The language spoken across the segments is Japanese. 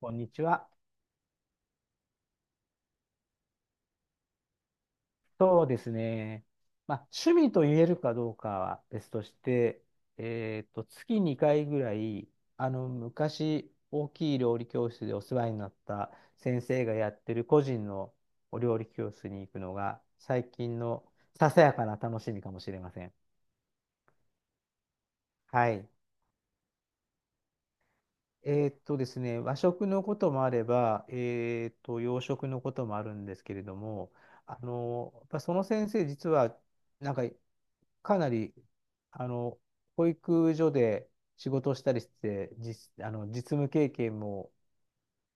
こんにちは。そうですね。まあ、趣味と言えるかどうかは別として、月2回ぐらい、昔、大きい料理教室でお世話になった先生がやってる個人のお料理教室に行くのが、最近のささやかな楽しみかもしれません。はい。ですね、和食のこともあれば、洋食のこともあるんですけれども、やっぱその先生、実は、なんか、かなり、あの、保育所で仕事をしたりして、実、あの、実務経験も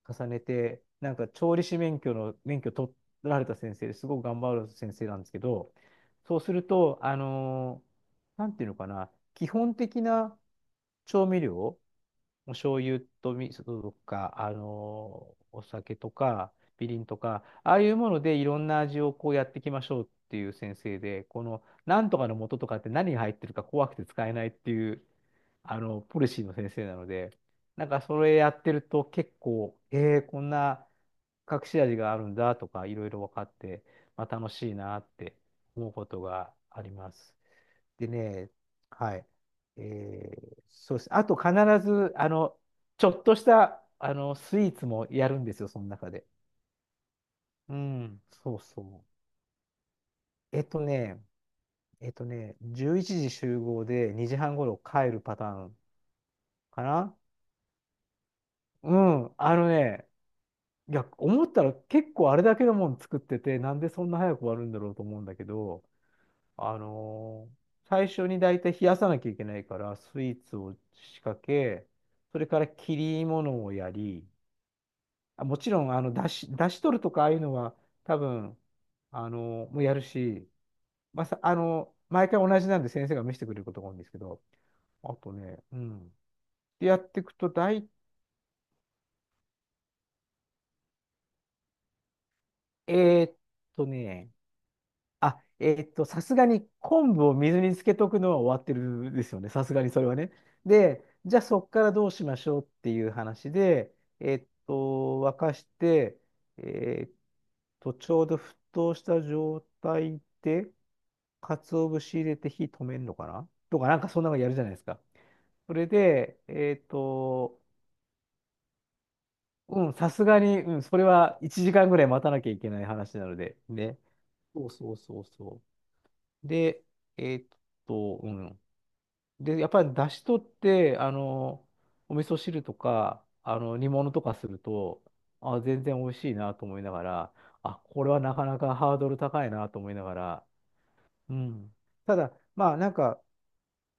重ねて、なんか、調理師免許取られた先生ですごく頑張る先生なんですけど、そうすると、なんていうのかな、基本的な調味料、お醤油と味噌とか、お酒とか、みりんとか、ああいうものでいろんな味をこうやっていきましょうっていう先生で、このなんとかの素とかって何が入ってるか怖くて使えないっていう、ポリシーの先生なので、なんかそれやってると結構、こんな隠し味があるんだとか、いろいろ分かって、まあ、楽しいなって思うことがあります。でね、はい。えそうです。あと必ず、ちょっとした、スイーツもやるんですよ、その中で。うん、そうそう。えっとね、えっとね、11時集合で2時半頃帰るパターンかな。うん、いや、思ったら結構あれだけのもん作ってて、なんでそんな早く終わるんだろうと思うんだけど、あのー最初にだいたい冷やさなきゃいけないから、スイーツを仕掛け、それから切り物をやり、あ、もちろん、だし取るとか、ああいうのは、多分、もうやるし、まあ、さ、あの毎回同じなんで先生が見せてくれることが多いんですけど、あとね、うん。で、やっていくと、大、えーっね、あ、さすがに昆布を水につけとくのは終わってるですよね。さすがにそれはね。で、じゃあそこからどうしましょうっていう話で、えーっと、沸かして、えーっちょうど沸騰した状態で、鰹節入れて火止めるのかなとか、なんかそんなのやるじゃないですか。それで、うん、さすがに、うん、それは1時間ぐらい待たなきゃいけない話なので、ね。そうそうそうそう。で、えーっうん。で、やっぱり出汁取って、お味噌汁とか、煮物とかすると、あ、全然美味しいなと思いながら、あ、これはなかなかハードル高いなと思いながら、うん。ただ、まあ、なんか、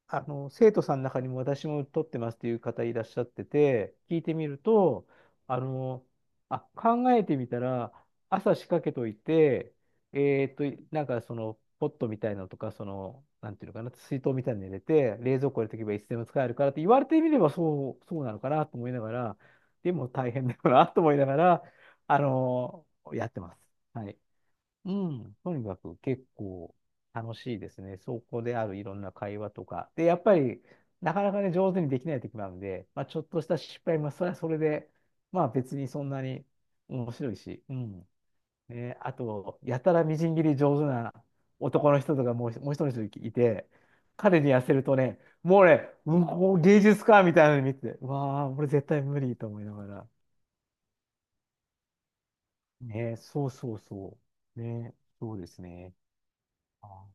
生徒さんの中にも私も取ってますっていう方いらっしゃってて、聞いてみると、あの、あ、考えてみたら、朝仕掛けといて、なんかその、ポットみたいなのとか、その、なんていうのかな、水筒みたいに入れて、冷蔵庫入れとけばいつでも使えるからって言われてみればそう、そうなのかなと思いながら、でも大変だよなと思いながら、あの、やってます。はい。うん、とにかく結構楽しいですね。そこであるいろんな会話とか。で、やっぱりなかなかね、上手にできない時もあるので、まあ、ちょっとした失敗もそれはそれで、まあ別にそんなに面白いし、うん。ね、あと、やたらみじん切り上手な男の人とかもう一人の人いて、彼に痩せるとね、もうね、うん、こう芸術家みたいなの見てて、うわあ、俺絶対無理と思いながら。ね、そうそうそう。ね、そうですね。あ、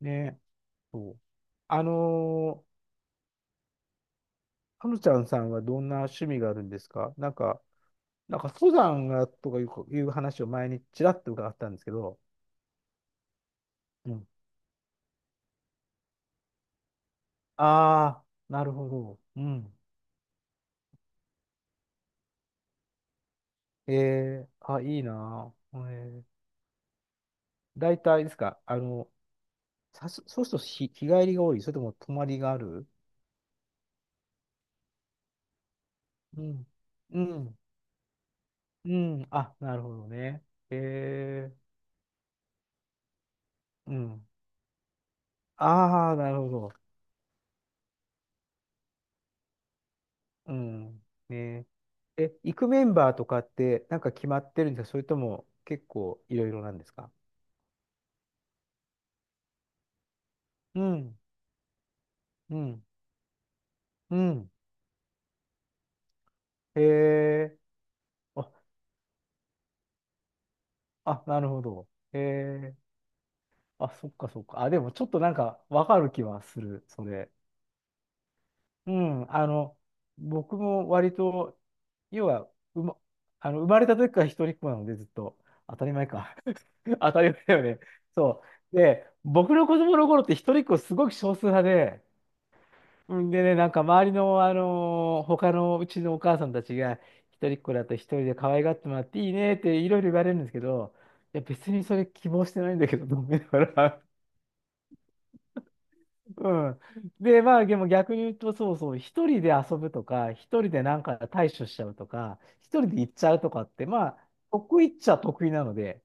ね、そう。あのはちゃんさんはどんな趣味があるんですか？なんか登山がとかいう話を前にちらっと伺ったんですけど、うん。ああ、なるほど。うん。ええ、あ、いいなあ。ええ、大体ですか？そうすると日帰りが多い？それとも泊まりがある？うん。うん。うん。あ、なるほどね。ええ、うん。ああ、なるほど。うん。ねえ、行くメンバーとかってなんか決まってるんですか？それとも結構いろいろなんですか？うん、うん、うん。へえ、あ、あ、なるほど。へえ、あ、そっかそっか。あ、でもちょっとなんかわかる気はする、それ。うん、僕も割と、要は、うま、あの、生まれた時から一人っ子なのでずっと、当たり前か。当たり前だよね。そう。で、僕の子供の頃って一人っ子すごく少数派で、うん、でね、なんか周りの、他のうちのお母さんたちが、一人っ子だと一人で可愛がってもらっていいねっていろいろ言われるんですけど、いや別にそれ希望してないんだけど、と思いながら。うん。で、まあでも逆に言うと、そうそう、一人で遊ぶとか、一人でなんか対処しちゃうとか、一人で行っちゃうとかって、まあ、得意っちゃ得意なので、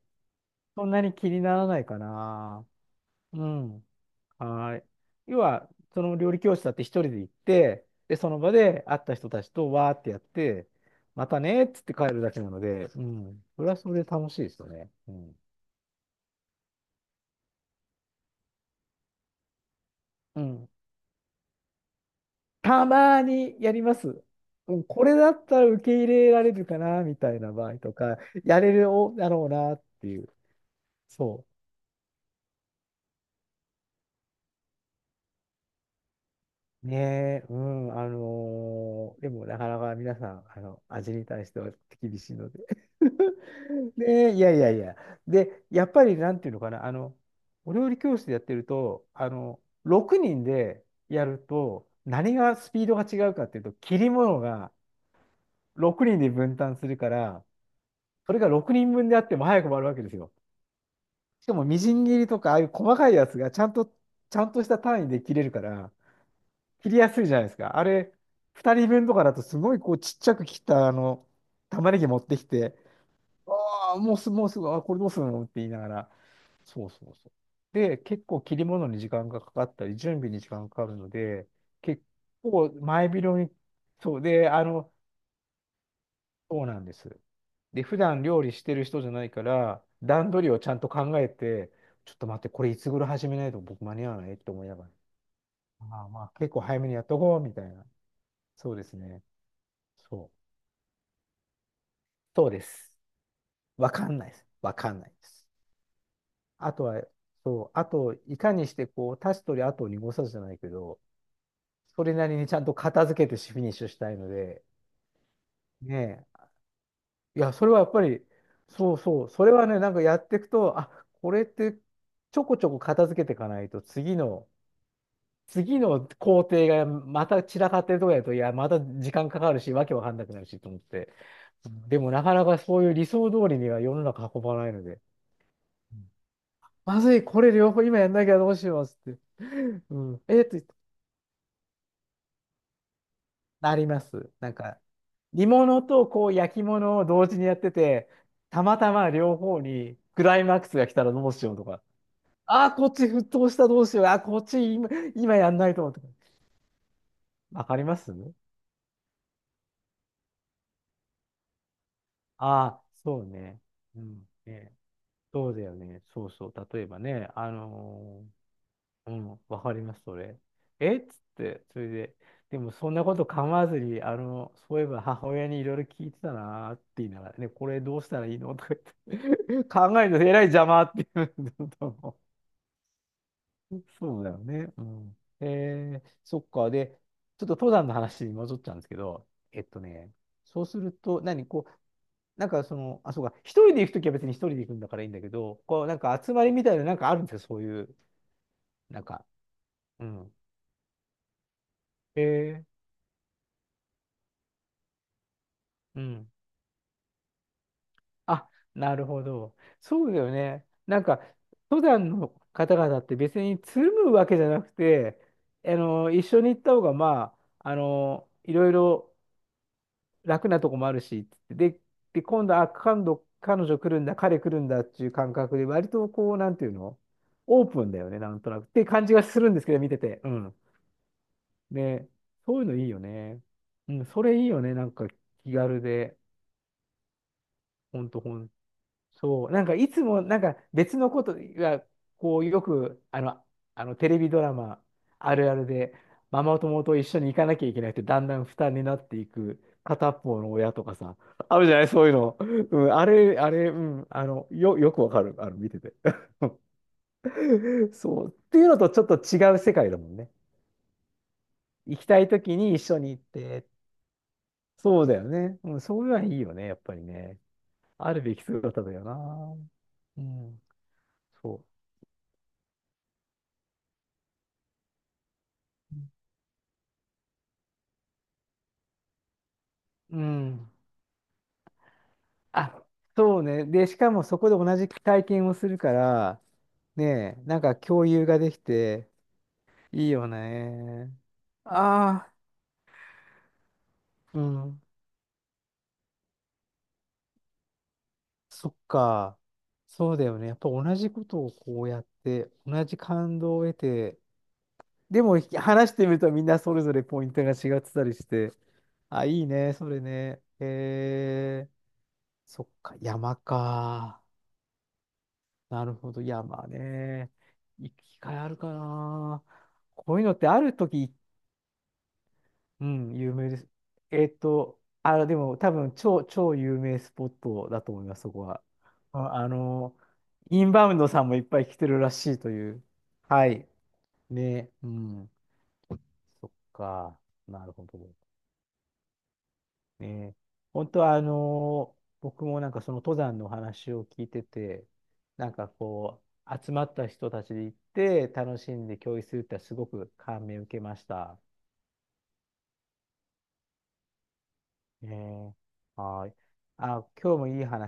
そんなに気にならないかな。うん。はい。要は、その料理教室だって一人で行って、で、その場で会った人たちとわーってやって、またねーっつって帰るだけなので、うん。それはそれで楽しいですよね。うん。うん。たまにやります。うん、これだったら受け入れられるかな、みたいな場合とか、やれるだろうなっていう。そう。ねえ、うん、でもなかなか皆さん、味に対しては厳しいので。ねえ、いやいやいや。で、やっぱりなんていうのかな、お料理教室でやってると、6人でやると、何がスピードが違うかっていうと、切り物が6人で分担するから、それが6人分であっても早く終わるわけですよ。しかもみじん切りとか、ああいう細かいやつがちゃんとした単位で切れるから、切りやすいじゃないですか。あれ、二人分とかだとすごいこうちっちゃく切った玉ねぎ持ってきて、ああ、もうすぐ、もうすぐ、あ、これどうするのって言いながら。そうそうそう。で、結構切り物に時間がかかったり、準備に時間がかかるので、結構前広に、そうで、あの、そうなんです。で、普段料理してる人じゃないから、段取りをちゃんと考えて、ちょっと待って、これいつ頃始めないと僕間に合わないって思いながら、まあまあ、結構早めにやっとこうみたいな。そうですね。そう。そうです。わかんないです。わかんないです。あとは、そう、あと、いかにして、こう、足すとり後を濁さずじゃないけど、それなりにちゃんと片付けてフィニッシュしたいので、ねえ。いや、それはやっぱり、そうそう、それはね、なんかやっていくと、あ、これって、ちょこちょこ片付けていかないと、次の、次の工程がまた散らかってるとこやと、いや、また時間かかるし、わけわかんなくなるし、と思って。でも、なかなかそういう理想通りには世の中運ばないので。まずい、これ両方今やんなきゃどうしようっつって。うん。なります。煮物とこう焼き物を同時にやってて、たまたま両方にクライマックスが来たらどうしようとか。ああ、こっち沸騰したどうしよう。ああ、こっち今、今やんないと。とかわかります。ああ、そうね。うん。ね、そうだよね。そうそう。例えばね、うん、わかります、それ。えっつって、それで、でもそんなこと構わずに、あの、そういえば母親にいろいろ聞いてたなーって言いながら、ね、これどうしたらいいのとか言って、考えるとえらい邪魔って言うんだんそうだよね。うん。えー、そっか。で、ちょっと登山の話に戻っちゃうんですけど、えっとね、そうすると、何、こう、あ、そうか、一人で行くときは別に一人で行くんだからいいんだけど、こう、なんか集まりみたいな、なんかあるんですよ、そういう、なんか、うん。えーうん。あ、なるほど。そうだよね。なんか、登山の方々って別につるむわけじゃなくて、あの、一緒に行った方が、まあ、あの、いろいろ楽なとこもあるし、で、で、今度、あ、今度、彼女来るんだ、彼来るんだっていう感覚で、割とこう、なんていうのオープンだよね、なんとなく。って感じがするんですけど、見てて。うん。ね、そういうのいいよね。うん、それいいよね、なんか気軽で。ほんと、ほんそう、なんかいつもなんか別のことが、こうよくあの、あのテレビドラマあるあるで、ママ友と一緒に行かなきゃいけないってだんだん負担になっていく片方の親とかさ、あるじゃないそういうの。うん、あれ、あれ、うん、あの、よくわかる。あの、見てて。そう。っていうのとちょっと違う世界だもんね。行きたい時に一緒に行って。そうだよね。うん、そういうのはいいよね、やっぱりね。あるべき姿だよな。うん、そう。うん。あ、そうね。で、しかもそこで同じ体験をするから、ねえ、なんか共有ができて、いいよね。ああ、うん。そっか。そうだよね。やっぱ同じことをこうやって、同じ感動を得て、でも話してみるとみんなそれぞれポイントが違ってたりして、あ、いいね、それね。へえそっか、山か。なるほど。いや、まあね。行き換えあるかな。こういうのってある時、うん、有名です。あ、でも多分超有名スポットだと思います、そこは。あインバウンドさんもいっぱい来てるらしいという。はい。ね。うん。そっか。なるほど。ね、本当は僕もなんかその登山の話を聞いてて、なんかこ集まった人たちで行って楽しんで共有するってすごく感銘を受けました。ね、はい。あ、今日もいい話